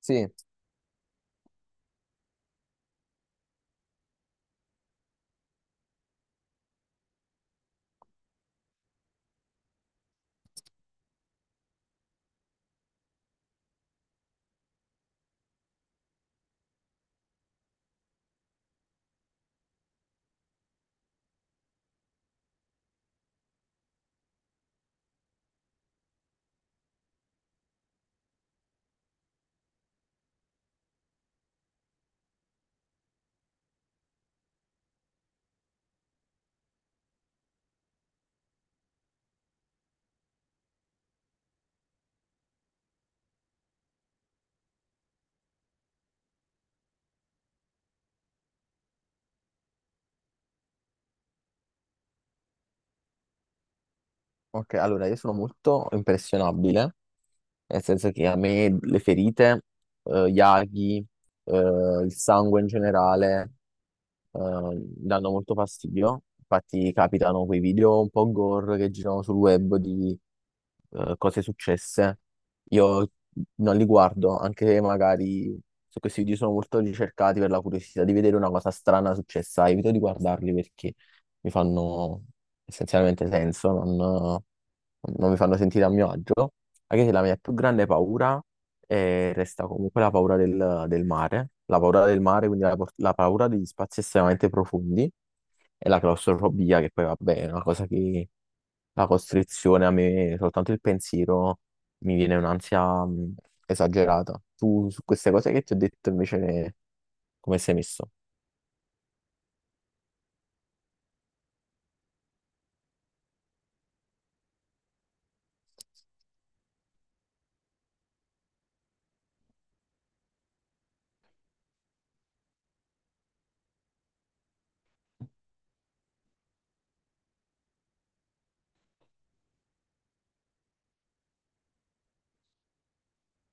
Sì, ok, allora io sono molto impressionabile, nel senso che a me le ferite, gli aghi, il sangue in generale, danno molto fastidio. Infatti capitano quei video un po' gore che girano sul web di cose successe. Io non li guardo, anche se magari se questi video sono molto ricercati per la curiosità di vedere una cosa strana successa, evito di guardarli perché mi fanno essenzialmente senso, non mi fanno sentire a mio agio. Anche se la mia più grande paura e resta comunque la paura del mare, la paura del mare, quindi la paura degli spazi estremamente profondi e la claustrofobia, che poi vabbè è una cosa che la costrizione a me, soltanto il pensiero mi viene un'ansia esagerata. Tu su queste cose che ti ho detto invece come sei messo?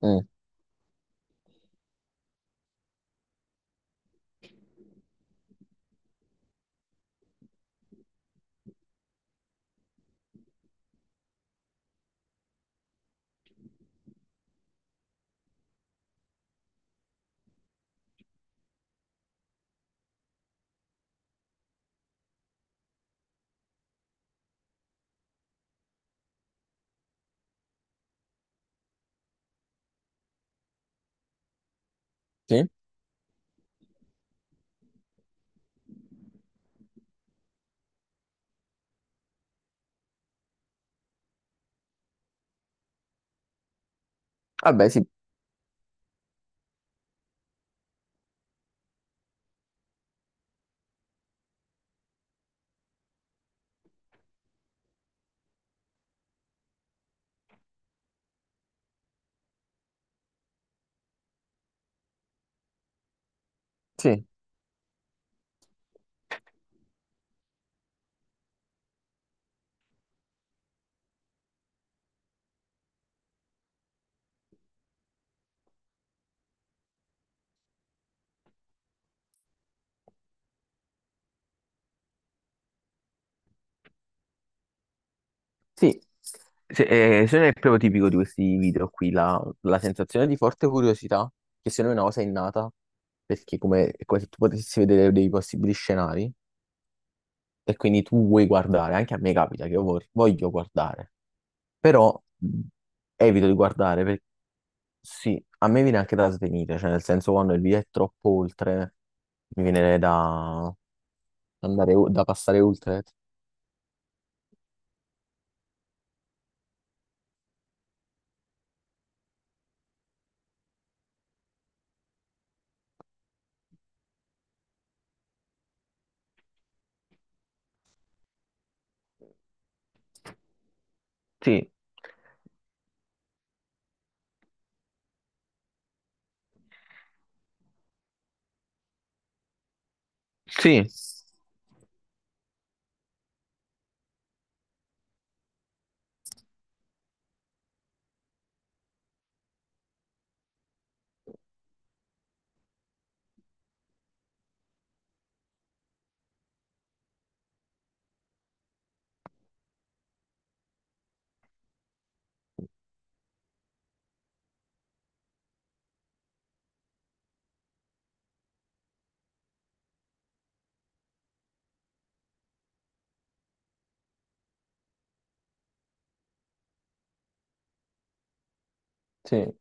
Mm, sì? Vabbè, sì, sì. Sì, se non è proprio tipico di questi video qui, la sensazione di forte curiosità, che secondo me è una cosa innata, perché come, è come se tu potessi vedere dei possibili scenari e quindi tu vuoi guardare, anche a me capita che io voglio guardare, però evito di guardare, perché sì, a me viene anche da svenire, cioè nel senso quando il video è troppo oltre, mi viene da andare, da passare oltre. Sì, sì, sì.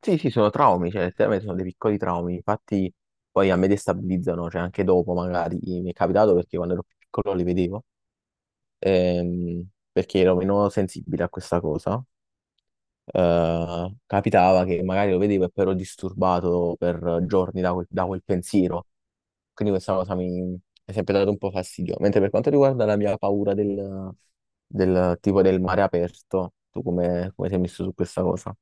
Sì, sì, sono traumi, cioè, letteralmente sono dei piccoli traumi, infatti poi a me destabilizzano, cioè anche dopo magari mi è capitato perché quando ero più piccolo li vedevo, ehm, perché ero meno sensibile a questa cosa. Capitava che magari lo vedevo e poi ero disturbato per giorni da quel pensiero, quindi questa cosa mi è sempre dato un po' fastidio. Mentre per quanto riguarda la mia paura del tipo del mare aperto, tu come, come sei messo su questa cosa?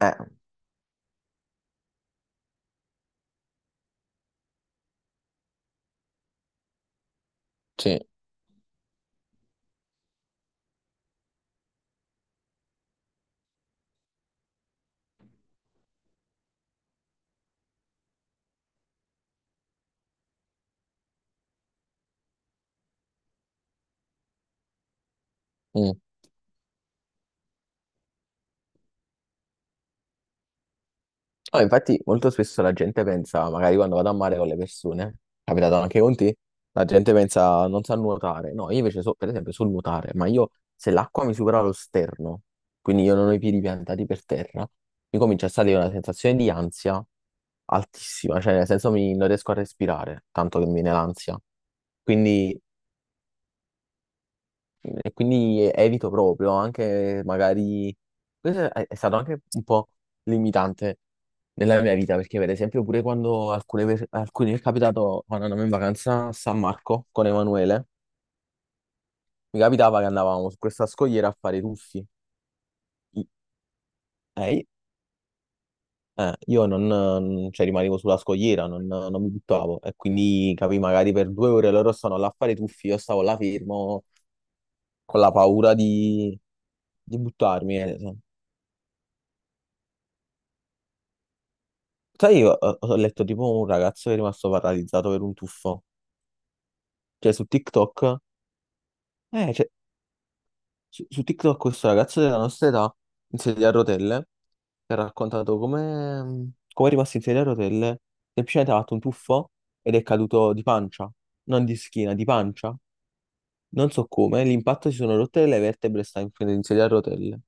Eh, sì. No, infatti molto spesso la gente pensa, magari quando vado a mare con le persone, è capitato anche con te, la gente pensa non sa nuotare. No, io invece so, per esempio so nuotare, ma io se l'acqua mi supera lo sterno, quindi io non ho i piedi piantati per terra, mi comincia a salire una sensazione di ansia altissima, cioè nel senso non riesco a respirare, tanto che mi viene l'ansia. Quindi, e quindi evito proprio, anche magari... Questo è stato anche un po' limitante nella mia vita, perché per esempio pure quando alcuni mi è capitato, quando andavamo in vacanza a San Marco con Emanuele, mi capitava che andavamo su questa scogliera a fare i tuffi. I- eh, io non, cioè, rimanevo sulla scogliera, non mi buttavo e quindi capì, magari per 2 ore loro stanno là a fare i tuffi, io stavo là fermo con la paura di buttarmi. So. Sai, io ho letto tipo un ragazzo che è rimasto paralizzato per un tuffo, cioè su TikTok. Eh, c'è su TikTok questo ragazzo della nostra età in sedia a rotelle che ha raccontato come è rimasto in sedia a rotelle, semplicemente ha fatto un tuffo ed è caduto di pancia, non di schiena, di pancia. Non so come, l'impatto si sono rotte le vertebre, sta in sedia a rotelle.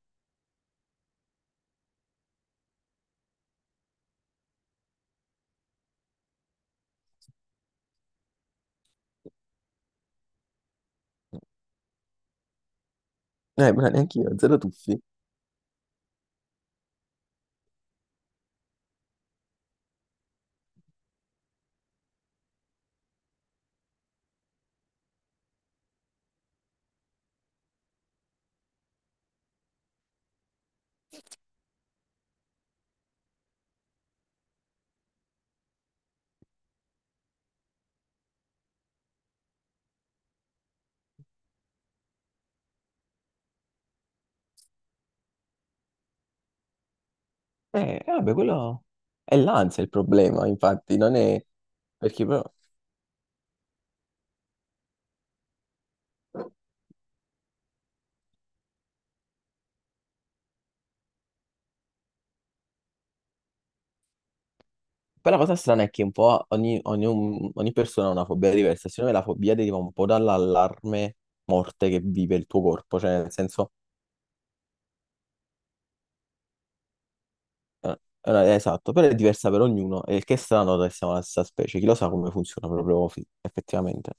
Ma neanche io, zero tuffi. Vabbè, quello è l'ansia il problema, infatti, non è... Perché però... Poi la cosa strana è che un po' ogni persona ha una fobia diversa, secondo me la fobia deriva un po' dall'allarme morte che vive il tuo corpo, cioè nel senso, eh, esatto, però è diversa per ognuno, e il che è strano che siamo la stessa specie, chi lo sa come funziona proprio effettivamente.